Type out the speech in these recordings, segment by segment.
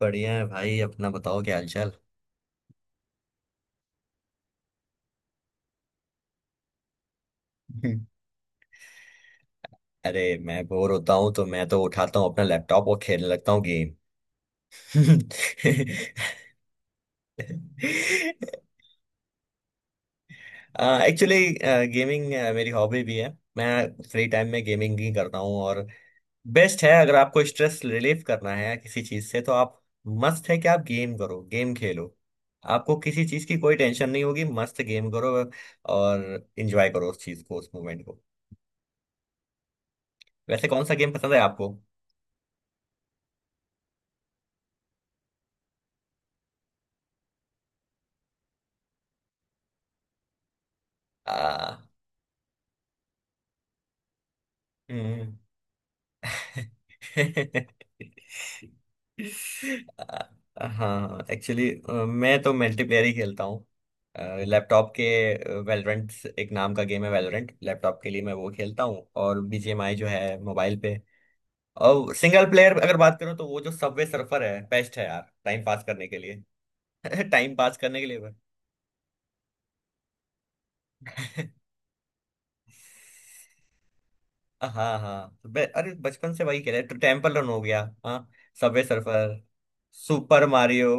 बढ़िया है भाई। अपना बताओ क्या हालचाल। हम्म। अरे मैं बोर होता हूँ तो मैं तो उठाता हूँ अपना लैपटॉप और खेलने लगता हूँ गेम। एक्चुअली गेमिंग मेरी हॉबी भी है। मैं फ्री टाइम में गेमिंग ही करता हूँ और बेस्ट है अगर आपको स्ट्रेस रिलीफ करना है किसी चीज से तो आप मस्त है कि आप गेम करो गेम खेलो। आपको किसी चीज की कोई टेंशन नहीं होगी, मस्त गेम करो और एंजॉय करो उस चीज को, उस मोमेंट को। वैसे कौन सा गेम पसंद है आपको? आ, हम्म। हाँ एक्चुअली मैं तो मल्टीप्लेयर ही खेलता हूँ। लैपटॉप के वेलोरेंट एक नाम का गेम है, वेलोरेंट लैपटॉप के लिए मैं वो खेलता हूँ और बीजीएमआई जो है मोबाइल पे। और सिंगल प्लेयर अगर बात करूँ तो वो जो सबवे सर्फर है बेस्ट है यार टाइम पास करने के लिए। टाइम पास करने के लिए बस। हाँ हाँ, अरे बचपन से वही खेले तो टेम्पल रन हो गया। हाँ सबवे सर्फर, सुपर मारियो।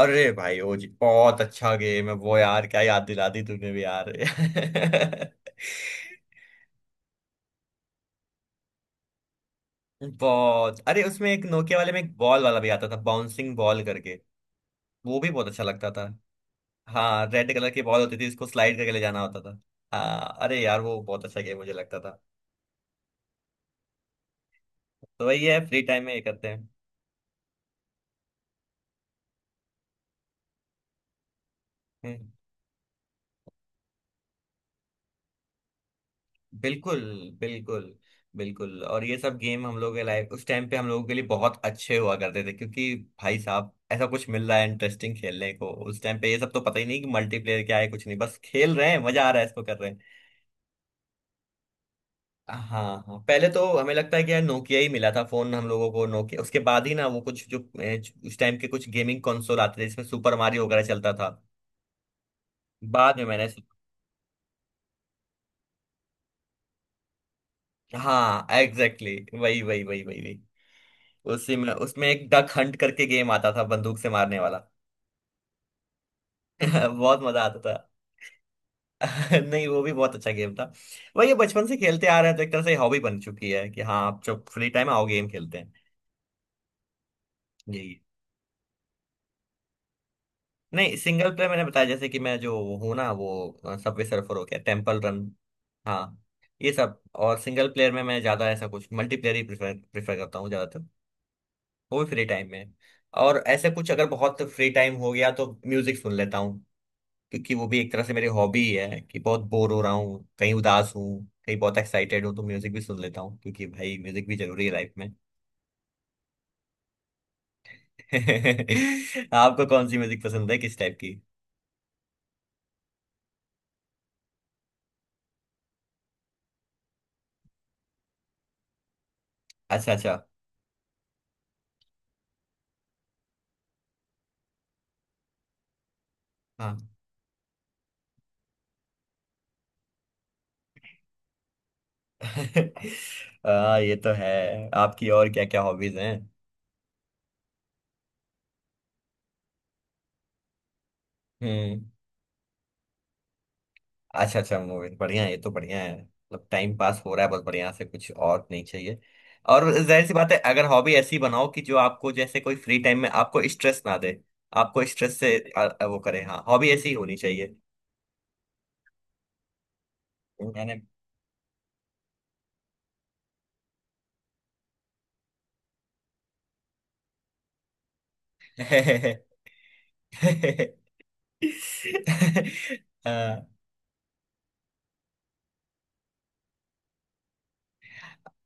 अरे भाई वो जी बहुत अच्छा गेम है वो यार, क्या याद दिला दी तूने भी यार। बहुत। अरे उसमें एक नोकिया वाले में एक बॉल वाला भी आता था, बाउंसिंग बॉल करके। वो भी बहुत अच्छा लगता था। हाँ रेड कलर की बॉल होती थी, इसको स्लाइड करके ले जाना होता था। हाँ अरे यार वो बहुत अच्छा गेम मुझे लगता था। तो वही है, फ्री टाइम में ये करते हैं। हम्म। बिल्कुल बिल्कुल बिल्कुल, और ये सब गेम हम लोग के लाइफ उस टाइम पे हम लोगों के लिए बहुत अच्छे हुआ करते थे क्योंकि भाई साहब ऐसा कुछ मिल रहा है इंटरेस्टिंग खेलने को उस टाइम पे, ये सब तो पता ही नहीं कि मल्टीप्लेयर क्या है, कुछ नहीं, बस खेल रहे हैं मजा आ रहा है इसको कर रहे हैं। हाँ हाँ, पहले तो हमें लगता है कि यार नोकिया ही मिला था फोन हम लोगों को, नोकिया, उसके बाद ही ना वो कुछ जो उस टाइम के कुछ गेमिंग कंसोल आते थे जिसमें सुपर मारियो वगैरह चलता था। बाद में मैंने। हाँ एग्जैक्टली exactly, वही वही वही वही वही। उसी में उसमें एक डक हंट करके गेम आता था बंदूक से मारने वाला। बहुत मजा आता था। नहीं वो भी बहुत अच्छा गेम था। वही ये बचपन से खेलते आ रहे हैं तो एक तरह से हॉबी बन चुकी है कि हाँ, आप जब फ्री टाइम आओ गेम खेलते हैं। यही। नहीं सिंगल प्लेयर मैंने बताया जैसे कि मैं जो हूँ ना, वो सबवे सर्फर हो गया, टेम्पल रन। हाँ ये सब। और सिंगल प्लेयर में मैं ज्यादा ऐसा कुछ, मल्टीप्लेयर ही प्रेफर प्रेफर करता हूँ ज्यादातर। वो भी फ्री टाइम में। और ऐसे कुछ अगर बहुत फ्री टाइम हो गया तो म्यूजिक सुन लेता हूँ क्योंकि वो भी एक तरह से मेरी हॉबी ही है कि बहुत बोर हो रहा हूँ कहीं, उदास हूँ कहीं, बहुत एक्साइटेड हूँ तो म्यूजिक भी सुन लेता हूँ क्योंकि भाई म्यूजिक भी जरूरी है लाइफ में। आपको कौन सी म्यूजिक पसंद है, किस टाइप की? अच्छा अच्छा। हाँ। ये तो है आपकी। और क्या क्या हॉबीज हैं? हम्म। अच्छा अच्छा, मूवी बढ़िया है, ये तो बढ़िया है, मतलब टाइम पास हो रहा है बस बढ़िया से, कुछ और नहीं चाहिए। और जाहिर सी बात है अगर हॉबी ऐसी बनाओ कि जो आपको, जैसे कोई फ्री टाइम में आपको स्ट्रेस ना दे, आपको स्ट्रेस से आ, आ, वो करे, हाँ, हॉबी ऐसी होनी चाहिए। मैंने।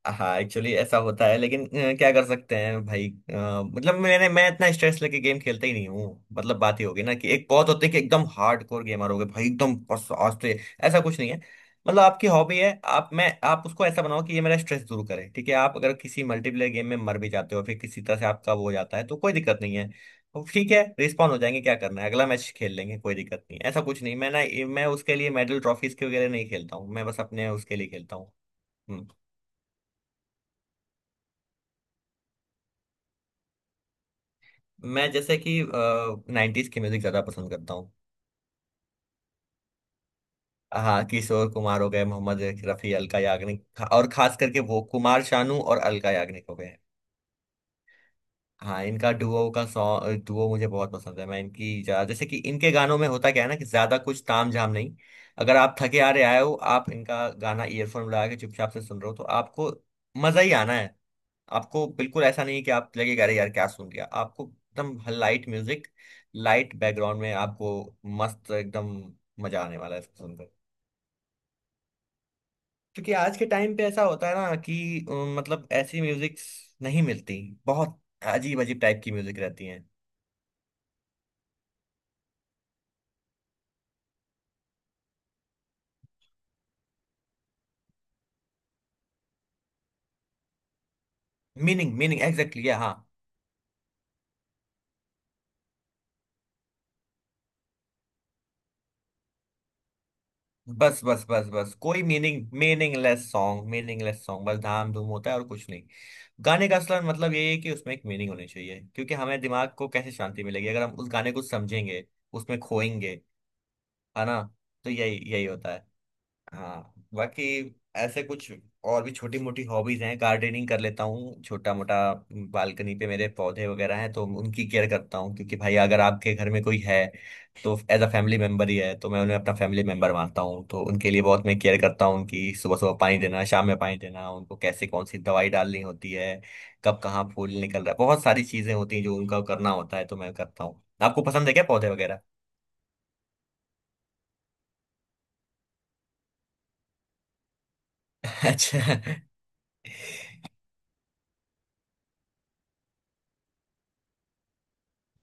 हाँ एक्चुअली ऐसा होता है लेकिन क्या कर सकते हैं भाई, मतलब मैं इतना स्ट्रेस लेके गेम खेलता ही नहीं हूँ, मतलब बात ही होगी ना कि एक बहुत होते हैं कि एकदम हार्ड कोर गेमर हो गए भाई एकदम बस आज तो ऐसा कुछ नहीं है। मतलब आपकी हॉबी है, आप मैं आप उसको ऐसा बनाओ कि ये मेरा स्ट्रेस दूर करे, ठीक है? आप अगर किसी मल्टीप्लेयर गेम में मर भी जाते हो फिर किसी तरह से आपका वो हो जाता है तो कोई दिक्कत नहीं है, तो ठीक है, रिस्पॉन्ड हो जाएंगे, क्या करना है, अगला मैच खेल लेंगे, कोई दिक्कत नहीं है। ऐसा कुछ नहीं, मैं ना, मैं उसके लिए मेडल ट्रॉफीज के वगैरह नहीं खेलता हूँ, मैं बस अपने उसके लिए खेलता हूँ। हम्म। मैं जैसे कि नाइन्टीज की म्यूजिक ज्यादा पसंद करता हूँ। हाँ किशोर कुमार हो गए, मोहम्मद रफी, अलका याग्निक, और खास करके वो कुमार शानू और अलका याग्निक हो गए। हाँ इनका डुओ का सॉन्ग, डुओ मुझे बहुत पसंद है। मैं इनकी ज्यादा, जैसे कि इनके गानों में होता क्या है ना कि ज्यादा कुछ ताम झाम नहीं। अगर आप थके आ रहे आए हो, आप इनका गाना ईयरफोन लगा के चुपचाप से सुन रहे हो तो आपको मजा ही आना। आपको बिल्कुल ऐसा नहीं कि आप लगेगा अरे यार क्या सुन लिया, आपको एकदम लाइट म्यूजिक, लाइट बैकग्राउंड में आपको मस्त एकदम मजा आने वाला है इसको सुनकर। क्योंकि आज के टाइम पे ऐसा होता है ना कि मतलब ऐसी म्यूजिक नहीं मिलती, बहुत अजीब अजीब टाइप की म्यूजिक रहती है। मीनिंग मीनिंग एग्जैक्टली, हाँ। बस बस बस बस, कोई meaning, meaningless song, meaningless song बस, धाम धूम होता है और कुछ नहीं। गाने का असला मतलब ये है कि उसमें एक मीनिंग होनी चाहिए क्योंकि हमें दिमाग को कैसे शांति मिलेगी अगर हम उस गाने को समझेंगे, उसमें खोएंगे, है ना? तो यही यही होता है। हाँ बाकी ऐसे कुछ और भी छोटी मोटी हॉबीज हैं, गार्डनिंग कर लेता हूँ छोटा मोटा। बालकनी पे मेरे पौधे वगैरह हैं तो उनकी केयर करता हूँ क्योंकि भाई अगर आपके घर में कोई है तो एज अ फैमिली मेंबर ही है, तो मैं उन्हें अपना फैमिली मेंबर मानता हूँ, तो उनके लिए बहुत मैं केयर करता हूँ, उनकी सुबह सुबह पानी देना, शाम में पानी देना, उनको कैसे कौन सी दवाई डालनी होती है, कब कहाँ फूल निकल रहा है, बहुत सारी चीजें होती हैं जो उनका करना होता है, तो मैं करता हूँ। आपको पसंद है क्या पौधे वगैरह? अच्छा।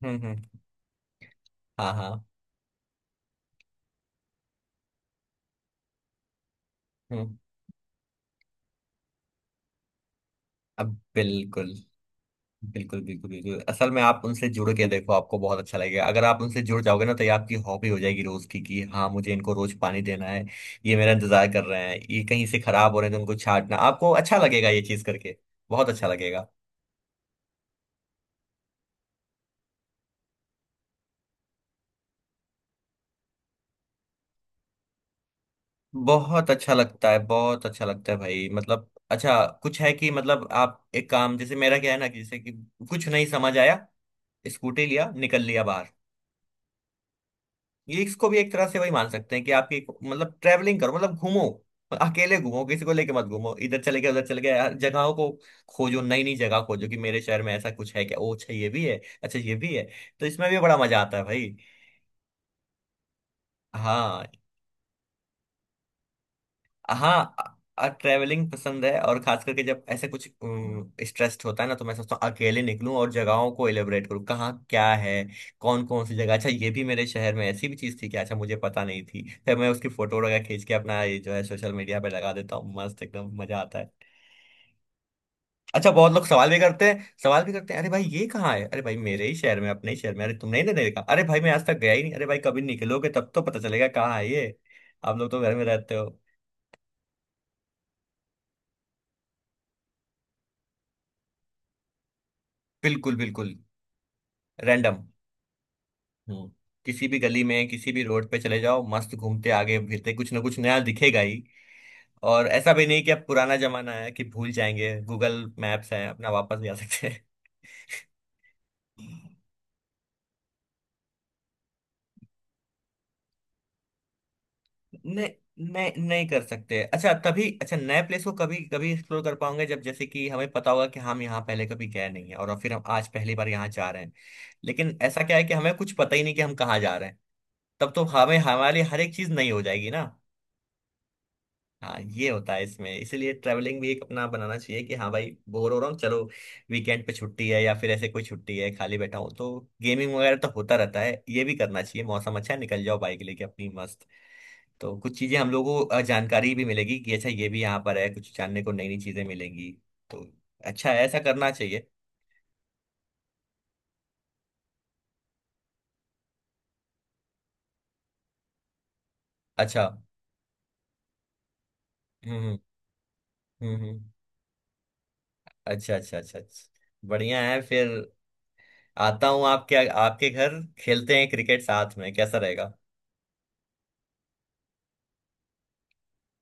हम्म। हाँ हाँ। हम्म। अब बिल्कुल बिल्कुल बिल्कुल बिल्कुल, असल में आप उनसे जुड़ के देखो, आपको बहुत अच्छा लगेगा, अगर आप उनसे जुड़ जाओगे ना तो ये आपकी हॉबी हो जाएगी रोज की कि हाँ मुझे इनको रोज पानी देना है, ये मेरा इंतजार कर रहे हैं, ये कहीं से खराब हो रहे हैं तो उनको छांटना आपको अच्छा लगेगा ये चीज करके, बहुत अच्छा लगेगा। बहुत अच्छा लगता है, बहुत अच्छा लगता है भाई, मतलब अच्छा कुछ है कि मतलब आप एक काम, जैसे मेरा क्या है ना कि जैसे कि कुछ नहीं समझ आया, स्कूटी लिया, निकल लिया बाहर। ये इसको भी एक तरह से वही मान सकते हैं कि आपकी मतलब ट्रेवलिंग करो, मतलब घूमो, अकेले घूमो, किसी को लेके मत घूमो, इधर चले गए उधर चले गए, हर जगहों को खोजो, नई नई जगह खोजो कि मेरे शहर में ऐसा कुछ है क्या, ओ अच्छा ये भी है, अच्छा ये भी है। तो इसमें भी बड़ा मजा आता है भाई। हाँ हाँ, ट्रैवलिंग पसंद है, और खास करके जब ऐसे कुछ स्ट्रेस्ड होता है ना तो मैं सोचता हूँ अकेले निकलूं और जगहों को एलिबरेट करूँ, कहाँ क्या है, कौन कौन सी जगह, अच्छा ये भी मेरे शहर में ऐसी भी चीज़ थी कि अच्छा मुझे पता नहीं थी, फिर मैं उसकी फोटो वगैरह खींच के अपना ये जो है सोशल मीडिया पे लगा देता हूँ, मस्त एकदम मजा आता है। अच्छा बहुत लोग सवाल भी करते हैं सवाल भी करते हैं, अरे भाई ये कहाँ है? अरे भाई मेरे ही शहर में, अपने ही शहर में, अरे तुमने ही नहीं देखा, अरे भाई मैं आज तक गया ही नहीं, अरे भाई कभी निकलोगे तब तो पता चलेगा कहाँ है ये, आप लोग तो घर में रहते हो। बिल्कुल बिल्कुल, रैंडम। हम्म। किसी भी गली में किसी भी रोड पे चले जाओ, मस्त घूमते आगे फिरते कुछ ना कुछ नया दिखेगा ही। और ऐसा भी नहीं कि अब पुराना जमाना है कि भूल जाएंगे, गूगल मैप्स है अपना, वापस जा सकते हैं। नहीं नहीं नहीं कर सकते, अच्छा, तभी अच्छा नए प्लेस को कभी कभी एक्सप्लोर कर पाओगे जब जैसे कि हमें पता होगा कि हम यहाँ पहले कभी गए नहीं है और फिर हम आज पहली बार यहाँ जा रहे हैं। लेकिन ऐसा क्या है कि हमें कुछ पता ही नहीं कि हम कहाँ जा रहे हैं, तब तो हमें हमारे लिए हर एक चीज नई हो जाएगी ना। हाँ ये होता है इसमें, इसीलिए ट्रैवलिंग भी एक अपना बनाना चाहिए कि हाँ भाई बोर हो रहा हूँ, चलो वीकेंड पे छुट्टी है या फिर ऐसे कोई छुट्टी है खाली बैठा हूँ तो गेमिंग वगैरह तो होता रहता है, ये भी करना चाहिए, मौसम अच्छा है निकल जाओ बाइक लेके अपनी मस्त, तो कुछ चीजें हम लोगों को जानकारी भी मिलेगी कि अच्छा ये भी यहाँ पर है, कुछ जानने को नई नई चीजें मिलेंगी, तो अच्छा है, ऐसा करना चाहिए। अच्छा। हम्म हम्म हम्म हम्म। अच्छा अच्छा अच्छा अच्छा, बढ़िया है फिर। आता हूँ आपके आपके घर, खेलते हैं क्रिकेट साथ में, कैसा रहेगा?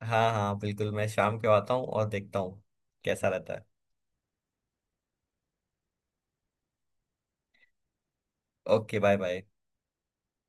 हाँ हाँ बिल्कुल, मैं शाम को आता हूँ और देखता हूँ कैसा रहता है। Okay bye bye.